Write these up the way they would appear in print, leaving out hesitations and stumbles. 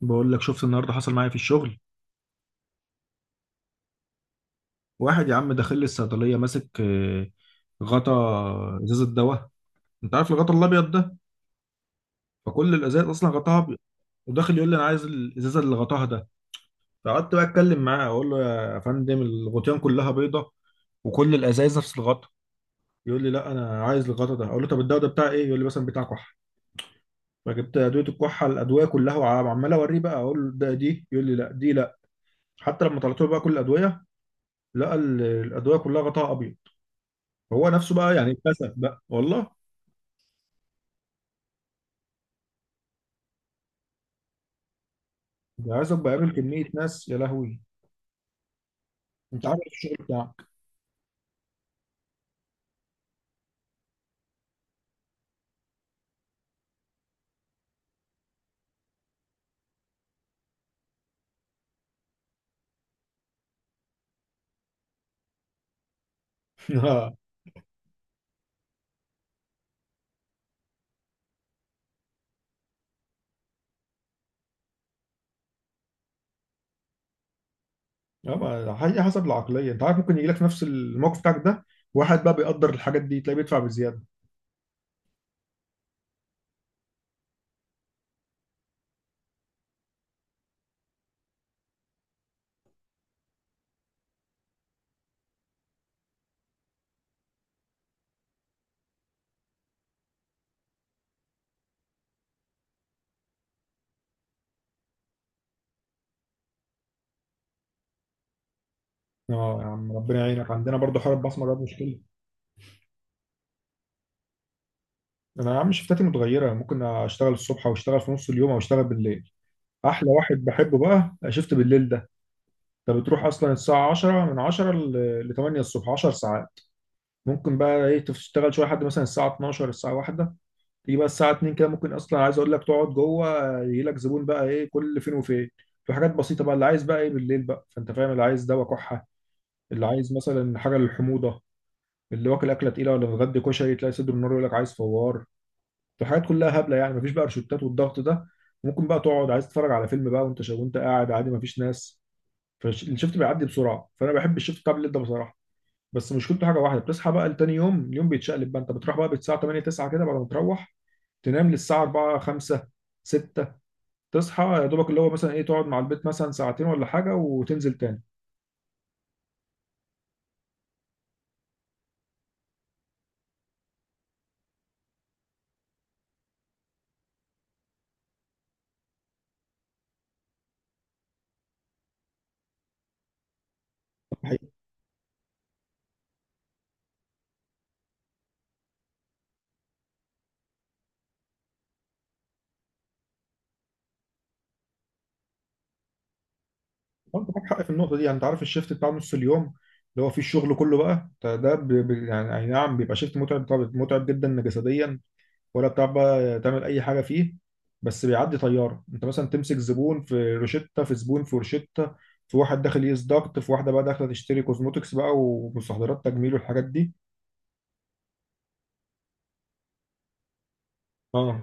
بقول لك شفت النهارده حصل معايا في الشغل. واحد يا عم داخل لي الصيدليه ماسك غطا ازازه دواء. انت عارف الغطا الابيض ده، فكل الازاز اصلا غطاها ابيض. وداخل يقول لي انا عايز الازازه اللي غطاها ده. فقعدت بقى اتكلم معاه اقول له يا فندم الغطيان كلها بيضه وكل الازايز نفس الغطا. يقول لي لا انا عايز الغطا ده. اقول له طب الدواء ده بتاع ايه؟ يقول لي مثلا بتاع كحه. فجبت ادويه الكحه الادويه كلها وعمال اوريه بقى اقول له ده دي، يقول لي لا دي لا. حتى لما طلعت له بقى كل الادويه لقى الادويه كلها غطاها ابيض. هو نفسه بقى يعني اتكسف بقى والله. ده عايزك بقابل كمية ناس يا لهوي. انت عارف إيه الشغل بتاعك. اه. ما هي حسب العقلية، انت عارف ممكن يجي لك في نفس الموقف بتاعك ده واحد بقى بيقدر الحاجات دي تلاقيه بيدفع بزيادة. اه يا عم ربنا يعينك، عندنا برضه حوار البصمة ده مشكلة. انا يا عم شفتاتي متغيرة، ممكن اشتغل الصبح او اشتغل في نص اليوم او اشتغل بالليل. احلى واحد بحبه بقى شفت بالليل ده. انت بتروح اصلا الساعة 10، من 10 ل 8 الصبح، 10 ساعات. ممكن بقى ايه تشتغل شوية لحد مثلا الساعة 12 الساعة 1، تيجي بقى الساعه 2 كده ممكن اصلا عايز اقول لك تقعد جوه يجي لك زبون بقى ايه كل فين وفين. في حاجات بسيطه بقى اللي عايز بقى ايه بالليل بقى، فانت فاهم اللي عايز دواء كحه، اللي عايز مثلا حاجه للحموضه، اللي واكل اكله تقيله ولا متغدي كشري تلاقي صدر النار يقول لك عايز فوار. الحاجات كلها هبله يعني مفيش بقى روشتات، والضغط ده ممكن بقى تقعد عايز تتفرج على فيلم بقى وانت قاعد عادي مفيش ناس. فالشفت بيعدي بسرعه، فانا بحب الشفت بتاع الليل ده بصراحه. بس مشكلته حاجه واحده، بتصحى بقى لتاني يوم اليوم بيتشقلب بقى. انت بتروح بقى الساعه 8 9 كده، بعد ما تروح تنام للساعة 4 5 6، تصحى يا دوبك اللي هو مثلا ايه تقعد مع البيت مثلا ساعتين ولا حاجة وتنزل تاني. حقيقي. انت معاك حق في النقطة دي، يعني انت عارف الشيفت بتاع نص اليوم اللي هو فيه الشغل كله بقى ده يعني أي نعم بيبقى شيفت متعب، طبعا متعب جدا جسديا ولا بتعرف بقى تعمل اي حاجة فيه. بس بيعدي طيارة، انت مثلا تمسك زبون في روشتة، في زبون في روشتة، في واحد داخل يقيس ضغط، في واحده بقى داخله تشتري كوزموتكس بقى ومستحضرات تجميل والحاجات دي. اه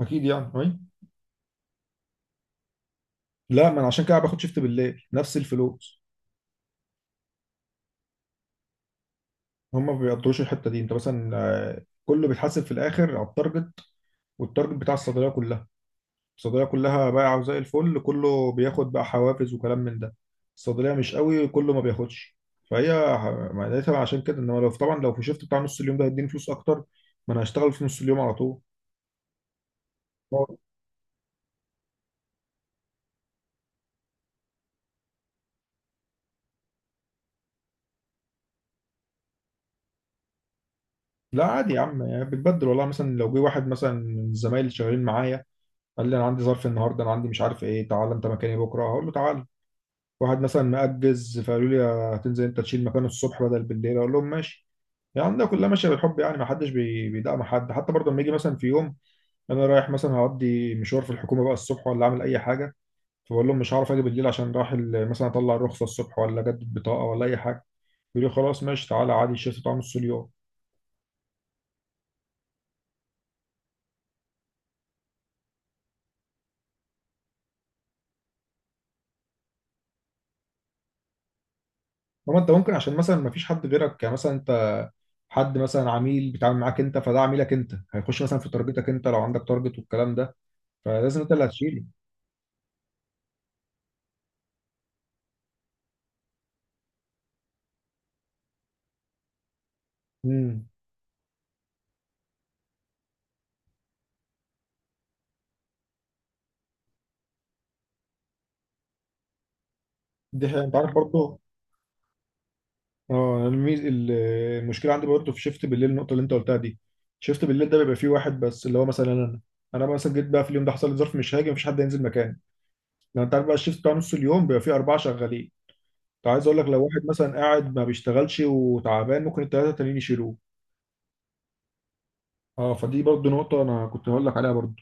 اكيد يعني أي؟ لا ما انا عشان كده باخد شيفت بالليل نفس الفلوس. هم ما بيقدروش الحته دي، انت مثلا كله بيتحاسب في الاخر على التارجت، والتارجت بتاع الصيدليه كلها. الصيدليه كلها بايعه زي الفل كله بياخد بقى حوافز وكلام من ده، الصيدليه مش قوي كله ما بياخدش. فهي معناتها عشان كده، انما لو طبعا لو في شيفت بتاع نص اليوم ده هيديني فلوس اكتر، ما انا هشتغل في نص اليوم على طول. لا عادي يا عم، يعني بتبدل والله. مثلا لو جه واحد مثلا من الزمايل اللي شغالين معايا قال لي انا عندي ظرف النهارده انا عندي مش عارف ايه، تعالى انت مكاني بكره، هقول له تعالى. واحد مثلا مأجز فقالوا لي هتنزل انت تشيل مكانه الصبح بدل بالليل، اقول لهم ماشي. يعني ده كلها ماشيه بالحب، يعني ما حدش بيدعم حد. حتى برضه لما يجي مثلا في يوم انا رايح مثلا هقضي مشوار في الحكومه بقى الصبح، ولا اعمل اي حاجه، فبقول لهم مش هعرف اجي بالليل عشان رايح مثلا اطلع الرخصه الصبح ولا اجدد بطاقه ولا اي حاجه، يقول لي خلاص ماشي تعالى عادي شيل طعم نص اليوم. طب انت ممكن عشان مثلا ما فيش حد غيرك، يعني مثلا انت حد مثلا عميل بيتعامل معاك انت فده عميلك انت، هيخش مثلا في تارجتك انت لو عندك تارجت والكلام ده، فلازم انت اللي هتشيله. دي حقيقة. انت عارف برضه. اه أنا المشكله عندي برضه في شيفت بالليل، النقطه اللي انت قلتها دي. شيفت بالليل ده بيبقى فيه واحد بس، اللي هو مثلا انا، انا مثلا جيت بقى في اليوم ده حصل لي ظرف مش هاجي، مفيش حد ينزل مكاني. لو انت عارف بقى الشيفت بتاع نص اليوم بيبقى فيه اربعه شغالين، انت عايز اقول لك لو واحد مثلا قاعد ما بيشتغلش وتعبان ممكن الثلاثه التانيين يشيلوه. اه فدي برضه نقطه انا كنت هقول لك عليها برضه.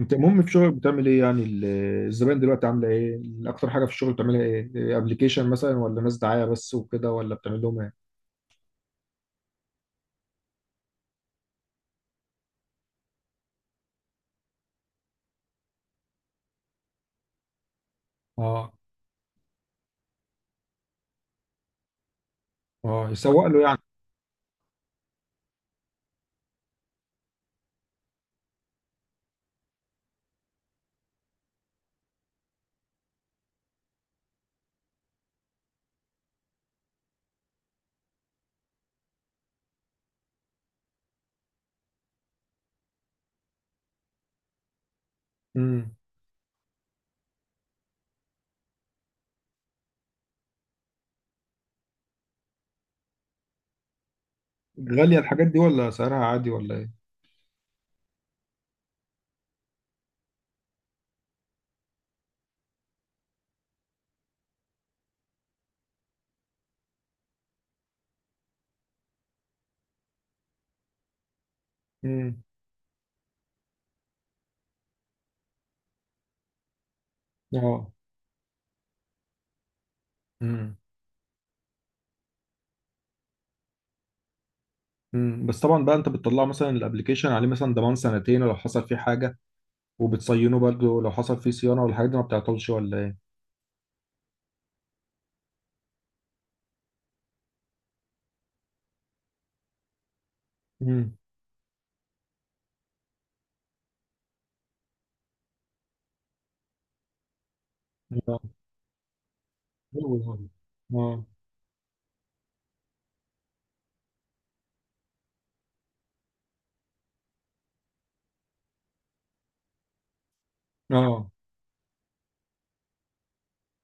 انت المهم في شغلك بتعمل ايه يعني الزباين دلوقتي عامله ايه؟ اكتر حاجه في الشغل بتعملها ايه؟ ابلكيشن مثلا، ولا ناس دعايه بس وكده، ولا بتعمل لهم ايه؟ اه. اه يسوق له يعني. امم غالية الحاجات دي ولا سعرها عادي ولا ايه؟ امم اه. امم بس طبعا بقى انت بتطلع مثلا الابليكيشن عليه مثلا ضمان سنتين لو حصل فيه حاجة، وبتصينه برضه لو حصل فيه صيانة والحاجات دي ما بتعطلش ولا ايه؟ امم اه. حلو ده. اه. اه.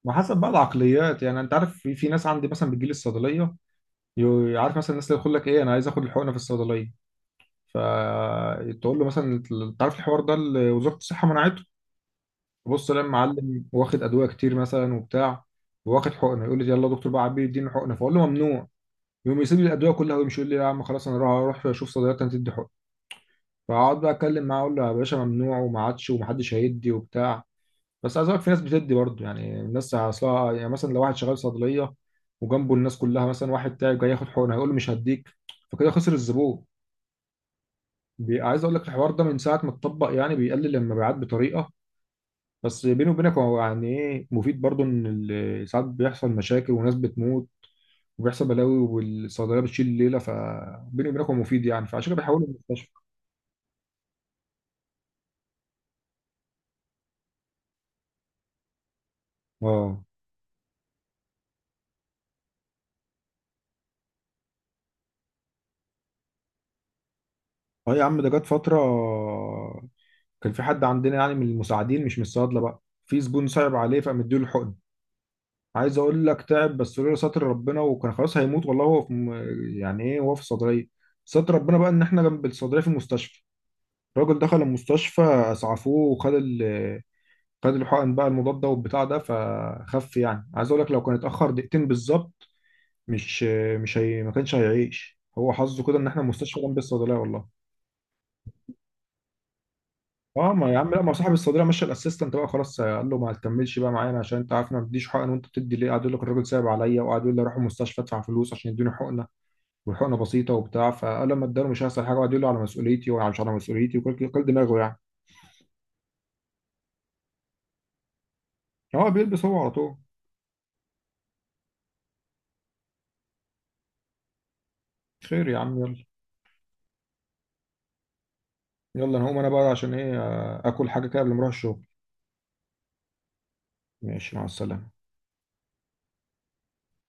ما حسب بقى العقليات، يعني انت عارف في ناس عندي مثلا بتجيلي الصيدليه عارف مثلا الناس اللي يقول لك ايه انا عايز اخد الحقنه في الصيدليه، فتقول له مثلا انت عارف الحوار ده اللي وزاره الصحه منعته. بص لما معلم واخد ادويه كتير مثلا وبتاع، واخد حقنه، يقول لي يلا يا دكتور بقى عبيه اديني حقنه، فاقول له ممنوع، يقوم يسيب لي الادويه كلها ويمشي يقول لي يا عم خلاص انا راح اروح اشوف صيدليه تدي حقنه، فاقعد بقى اتكلم معاه اقول له يا باشا ممنوع وما عادش ومحدش هيدي وبتاع. بس عايز اقول لك في ناس بتدي برضه، يعني الناس اصلها يعني مثلا لو واحد شغال صيدليه وجنبه الناس كلها مثلا واحد تعب جاي ياخد حقنه هيقول له مش هديك، فكده خسر الزبون. عايز اقول لك الحوار ده من ساعه ما اتطبق يعني بيقلل المبيعات بطريقه. بس بيني وبينك هو يعني ايه مفيد برضو، ان ساعات بيحصل مشاكل وناس بتموت وبيحصل بلاوي والصيدليه بتشيل الليله، فبيني وبينك هو مفيد يعني، فعشان كده بيحولوا المستشفى. اه. اه يا عم ده جت فتره كان في حد عندنا يعني من المساعدين مش من الصيادله بقى، في زبون صعب عليه فقام مديله الحقن. عايز اقول لك تعب، بس لولا ستر ربنا وكان خلاص هيموت والله. هو في يعني ايه هو في الصيدليه، ستر ربنا بقى ان احنا جنب الصيدليه في المستشفى. الراجل دخل المستشفى اسعفوه وخد، خد الحقن بقى المضاد ده والبتاع ده فخف. يعني عايز اقول لك لو كان اتاخر دقيقتين بالظبط مش، مش ما كانش هيعيش. هو حظه كده ان احنا المستشفى جنب الصيدليه والله. اه. ما يا عم لا، ما صاحب الصيدليه مشى الاسيستنت بقى خلاص قال له ما تكملش بقى معانا عشان انت عارف أنا ما بديش حقن وانت بتدي ليه. قعد يقول لك الراجل صعب عليا، وقعد يقول لي اروح المستشفى ادفع فلوس عشان يدوني حقنه، والحقنه بسيطه وبتاع، فقال لما اداله مش هيحصل حاجه، وقعد يقول له على مسؤوليتي ومش على مسؤوليتي وكل دماغه يعني. هو بيلبس هو على طول. خير يا عم يلا. يلا انا هقوم انا بقى عشان ايه اكل حاجه كده قبل ما اروح الشغل. ماشي مع السلامة.